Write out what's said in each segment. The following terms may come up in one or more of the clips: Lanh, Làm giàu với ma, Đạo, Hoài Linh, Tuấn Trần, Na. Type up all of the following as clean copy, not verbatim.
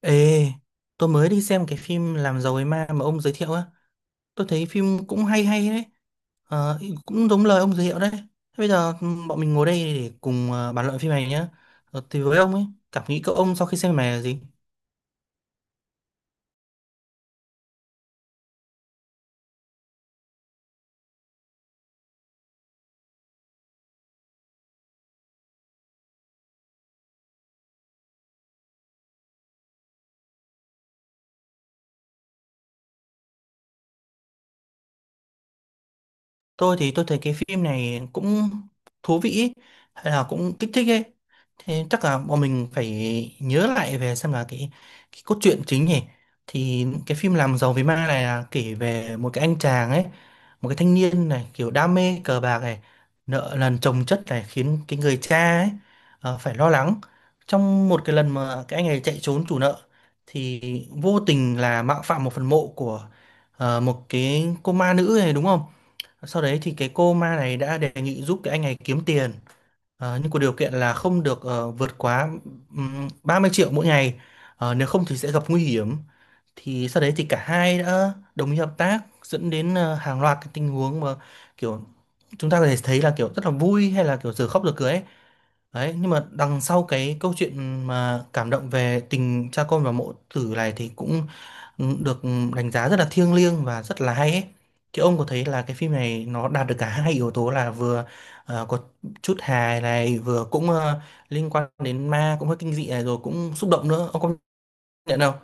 Ê, tôi mới đi xem cái phim Làm giàu ấy ma mà ông giới thiệu á. Tôi thấy phim cũng hay hay đấy. Ờ, Cũng giống lời ông giới thiệu đấy. Thế. Bây giờ bọn mình ngồi đây để cùng bàn luận phim này nhá. Thì với ông ấy, cảm nghĩ của ông sau khi xem phim này là gì? Tôi thì tôi thấy cái phim này cũng thú vị ý, hay là cũng kích thích ấy. Thế chắc là bọn mình phải nhớ lại về xem là cái cốt truyện chính nhỉ. Thì cái phim làm giàu vì ma này là kể về một cái anh chàng ấy, một cái thanh niên này kiểu đam mê cờ bạc này, nợ nần chồng chất này khiến cái người cha ấy phải lo lắng. Trong một cái lần mà cái anh này chạy trốn chủ nợ thì vô tình là mạo phạm một phần mộ của một cái cô ma nữ này đúng không. Sau đấy thì cái cô ma này đã đề nghị giúp cái anh này kiếm tiền, nhưng có điều kiện là không được vượt quá 30 triệu mỗi ngày. Nếu không thì sẽ gặp nguy hiểm. Thì sau đấy thì cả hai đã đồng ý hợp tác dẫn đến hàng loạt cái tình huống mà kiểu chúng ta có thể thấy là kiểu rất là vui hay là kiểu giờ khóc giờ cười ấy. Đấy, nhưng mà đằng sau cái câu chuyện mà cảm động về tình cha con và mẫu tử này thì cũng được đánh giá rất là thiêng liêng và rất là hay ấy. Thì ông có thấy là cái phim này nó đạt được cả hai yếu tố là vừa có chút hài này vừa cũng liên quan đến ma cũng hơi kinh dị này rồi cũng xúc động nữa, ông có nhận không?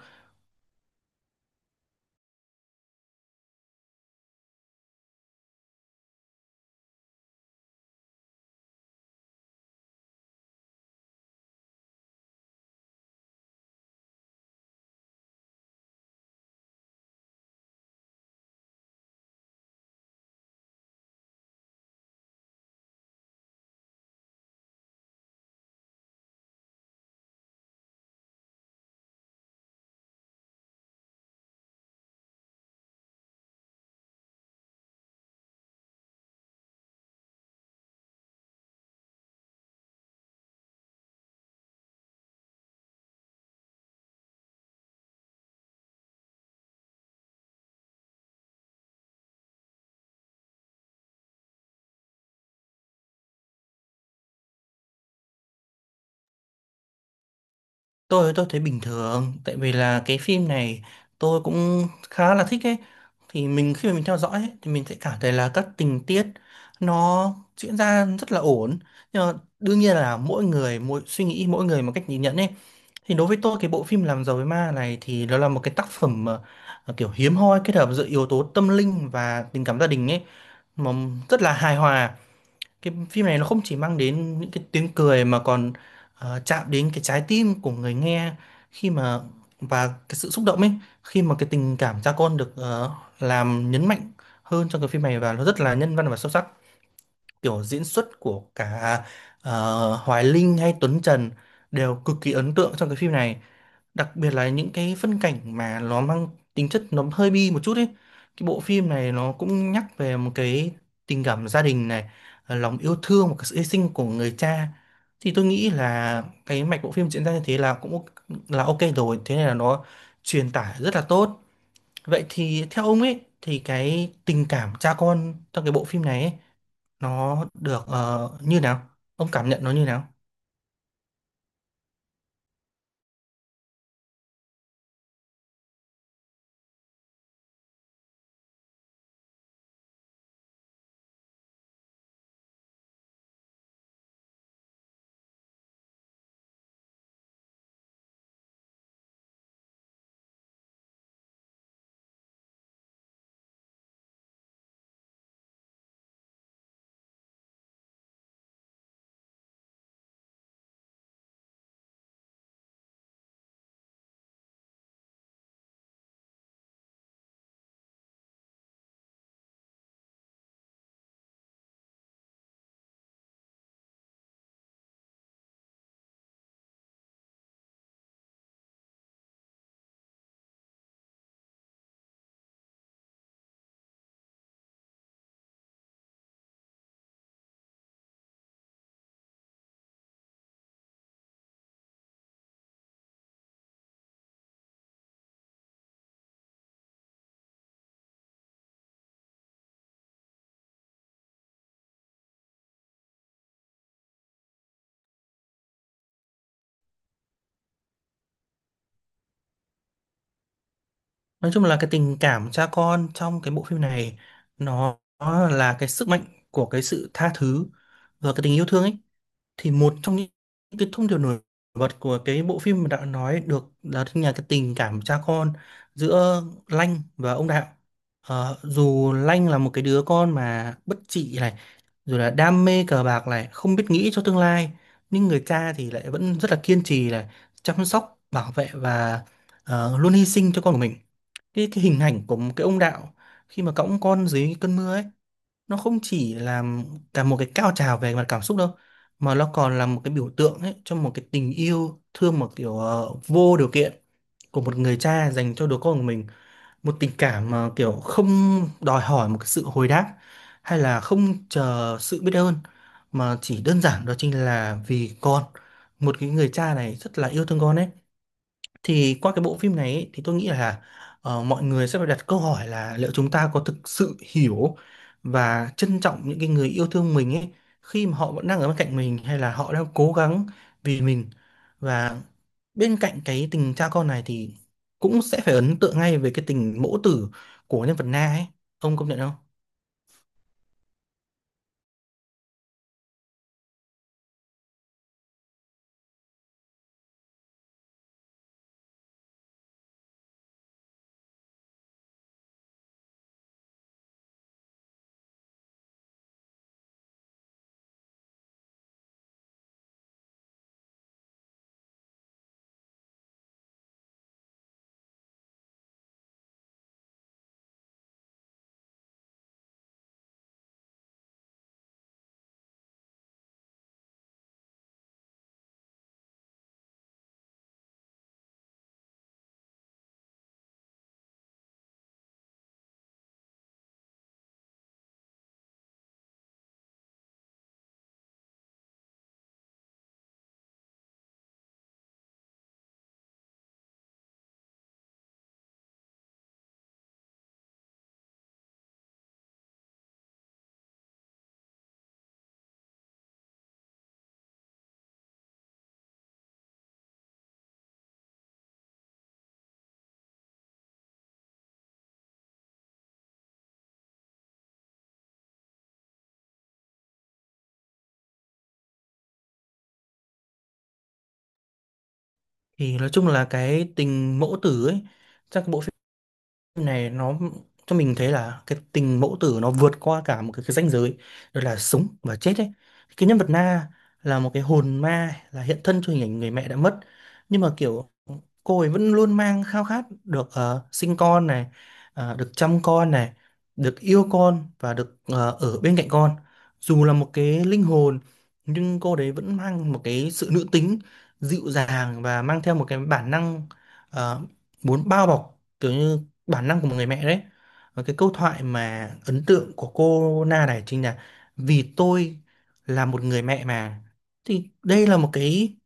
Tôi thấy bình thường tại vì là cái phim này tôi cũng khá là thích ấy. Thì mình khi mà mình theo dõi ấy, thì mình sẽ cảm thấy là các tình tiết nó diễn ra rất là ổn. Nhưng mà đương nhiên là mỗi người mỗi suy nghĩ, mỗi người một cách nhìn nhận ấy. Thì đối với tôi cái bộ phim Làm giàu với ma này thì nó là một cái tác phẩm kiểu hiếm hoi kết hợp giữa yếu tố tâm linh và tình cảm gia đình ấy, mà rất là hài hòa. Cái phim này nó không chỉ mang đến những cái tiếng cười mà còn chạm đến cái trái tim của người nghe khi mà, và cái sự xúc động ấy, khi mà cái tình cảm cha con được làm nhấn mạnh hơn trong cái phim này, và nó rất là nhân văn và sâu sắc. Kiểu diễn xuất của cả Hoài Linh hay Tuấn Trần đều cực kỳ ấn tượng trong cái phim này, đặc biệt là những cái phân cảnh mà nó mang tính chất nó hơi bi một chút ấy. Cái bộ phim này nó cũng nhắc về một cái tình cảm gia đình này, lòng yêu thương và cái sự hy sinh của người cha. Thì tôi nghĩ là cái mạch bộ phim diễn ra như thế là cũng ok, là ok rồi, thế nên là nó truyền tải rất là tốt. Vậy thì theo ông ấy thì cái tình cảm cha con trong cái bộ phim này ấy, nó được như nào, ông cảm nhận nó như nào? Nói chung là cái tình cảm cha con trong cái bộ phim này nó là cái sức mạnh của cái sự tha thứ và cái tình yêu thương ấy. Thì một trong những cái thông điệp nổi bật của cái bộ phim mà đã nói được là thứ nhà cái tình cảm cha con giữa Lanh và ông Đạo. Dù Lanh là một cái đứa con mà bất trị này, rồi là đam mê cờ bạc này, không biết nghĩ cho tương lai, nhưng người cha thì lại vẫn rất là kiên trì này, chăm sóc bảo vệ và luôn hy sinh cho con của mình. Cái hình ảnh của một cái ông Đạo khi mà cõng con dưới cơn mưa ấy, nó không chỉ là cả một cái cao trào về mặt cảm xúc đâu, mà nó còn là một cái biểu tượng ấy cho một cái tình yêu thương, một kiểu vô điều kiện của một người cha dành cho đứa con của mình. Một tình cảm mà kiểu không đòi hỏi một cái sự hồi đáp hay là không chờ sự biết ơn, mà chỉ đơn giản đó chính là vì con, một cái người cha này rất là yêu thương con ấy. Thì qua cái bộ phim này ấy, thì tôi nghĩ là mọi người sẽ phải đặt câu hỏi là liệu chúng ta có thực sự hiểu và trân trọng những cái người yêu thương mình ấy, khi mà họ vẫn đang ở bên cạnh mình hay là họ đang cố gắng vì mình. Và bên cạnh cái tình cha con này thì cũng sẽ phải ấn tượng ngay về cái tình mẫu tử của nhân vật Na ấy, ông công nhận không? Thì nói chung là cái tình mẫu tử ấy trong cái bộ phim này nó cho mình thấy là cái tình mẫu tử nó vượt qua cả một cái ranh giới, đó là sống và chết ấy. Cái nhân vật Na là một cái hồn ma, là hiện thân cho hình ảnh người mẹ đã mất, nhưng mà kiểu cô ấy vẫn luôn mang khao khát được sinh con này, được chăm con này, được yêu con và được ở bên cạnh con. Dù là một cái linh hồn, nhưng cô đấy vẫn mang một cái sự nữ tính, dịu dàng và mang theo một cái bản năng ờ, muốn bao bọc, kiểu như bản năng của một người mẹ đấy. Và cái câu thoại mà ấn tượng của cô Na này chính là vì tôi là một người mẹ mà, thì đây là một cái,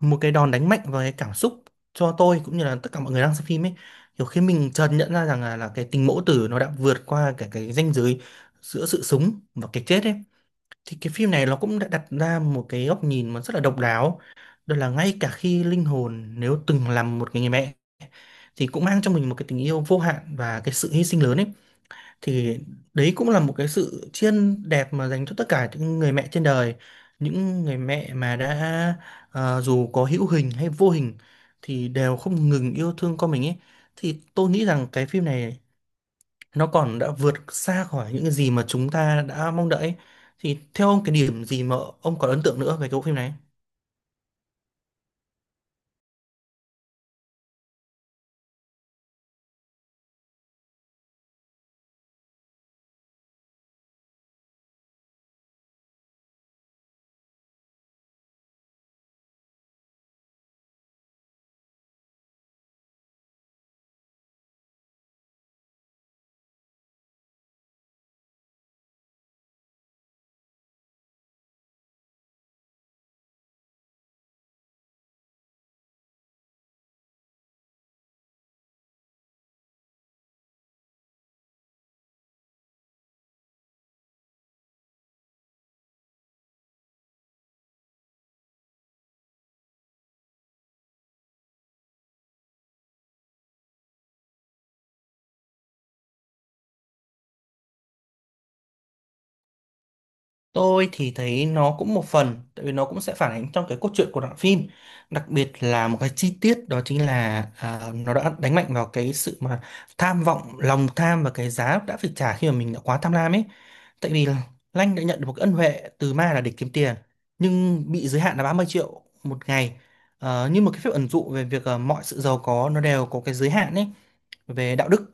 một cái đòn đánh mạnh vào cái cảm xúc cho tôi cũng như là tất cả mọi người đang xem phim ấy. Kiểu khi mình chợt nhận ra rằng là cái tình mẫu tử nó đã vượt qua cả cái ranh giới giữa sự sống và cái chết ấy. Thì cái phim này nó cũng đã đặt ra một cái góc nhìn mà rất là độc đáo, đó là ngay cả khi linh hồn nếu từng làm một cái người mẹ thì cũng mang trong mình một cái tình yêu vô hạn và cái sự hy sinh lớn ấy. Thì đấy cũng là một cái sự tri ân đẹp mà dành cho tất cả những người mẹ trên đời, những người mẹ mà đã dù có hữu hình hay vô hình thì đều không ngừng yêu thương con mình ấy. Thì tôi nghĩ rằng cái phim này nó còn đã vượt xa khỏi những cái gì mà chúng ta đã mong đợi ấy. Thì theo ông cái điểm gì mà ông còn ấn tượng nữa về cái bộ phim này? Tôi thì thấy nó cũng một phần, tại vì nó cũng sẽ phản ánh trong cái cốt truyện của đoạn phim, đặc biệt là một cái chi tiết đó chính là nó đã đánh mạnh vào cái sự mà tham vọng, lòng tham và cái giá đã phải trả khi mà mình đã quá tham lam ấy. Tại vì là Lanh đã nhận được một cái ân huệ từ ma là để kiếm tiền, nhưng bị giới hạn là 30 triệu một ngày. Như một cái phép ẩn dụ về việc mọi sự giàu có nó đều có cái giới hạn ấy về đạo đức,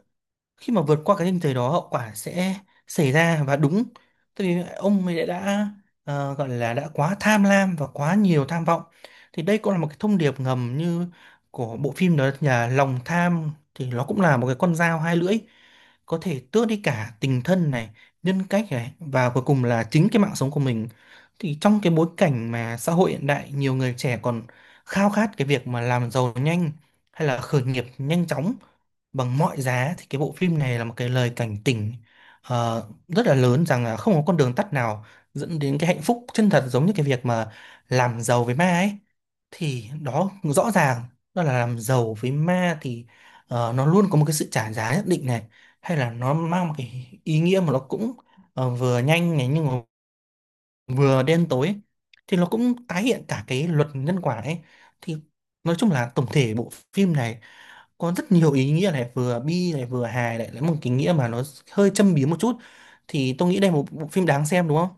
khi mà vượt qua cái ranh giới đó hậu quả sẽ xảy ra. Và đúng, tại vì ông ấy đã gọi là đã quá tham lam và quá nhiều tham vọng. Thì đây cũng là một cái thông điệp ngầm như của bộ phim, đó là lòng tham thì nó cũng là một cái con dao hai lưỡi, có thể tước đi cả tình thân này, nhân cách này, và cuối cùng là chính cái mạng sống của mình. Thì trong cái bối cảnh mà xã hội hiện đại nhiều người trẻ còn khao khát cái việc mà làm giàu nhanh hay là khởi nghiệp nhanh chóng bằng mọi giá, thì cái bộ phim này là một cái lời cảnh tỉnh rất là lớn rằng là không có con đường tắt nào dẫn đến cái hạnh phúc chân thật, giống như cái việc mà làm giàu với ma ấy. Thì đó rõ ràng, đó là làm giàu với ma thì nó luôn có một cái sự trả giá nhất định này, hay là nó mang một cái ý nghĩa mà nó cũng vừa nhanh này nhưng mà vừa đen tối ấy. Thì nó cũng tái hiện cả cái luật nhân quả ấy. Thì nói chung là tổng thể bộ phim này có rất nhiều ý nghĩa này, vừa bi này vừa hài, lại lại một cái nghĩa mà nó hơi châm biếm một chút. Thì tôi nghĩ đây là một bộ phim đáng xem đúng không?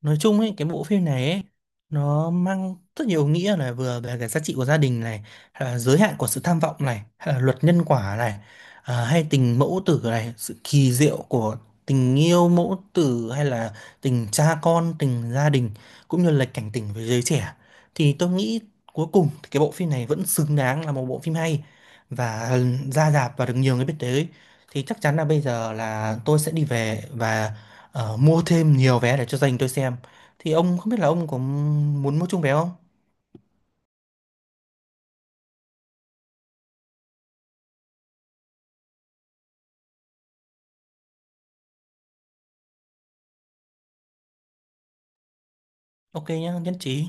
Nói chung ấy cái bộ phim này ấy, nó mang rất nhiều nghĩa này, vừa về cái giá trị của gia đình này, hay là giới hạn của sự tham vọng này, hay là luật nhân quả này, hay tình mẫu tử này, sự kỳ diệu của tình yêu mẫu tử hay là tình cha con, tình gia đình, cũng như là cảnh tỉnh với giới trẻ. Thì tôi nghĩ cuối cùng thì cái bộ phim này vẫn xứng đáng là một bộ phim hay, và ra rạp và được nhiều người biết tới. Thì chắc chắn là bây giờ là tôi sẽ đi về và mua thêm nhiều vé để cho dành tôi xem. Thì ông không biết là ông có muốn mua chung vé không? Ok nhá, nhất trí.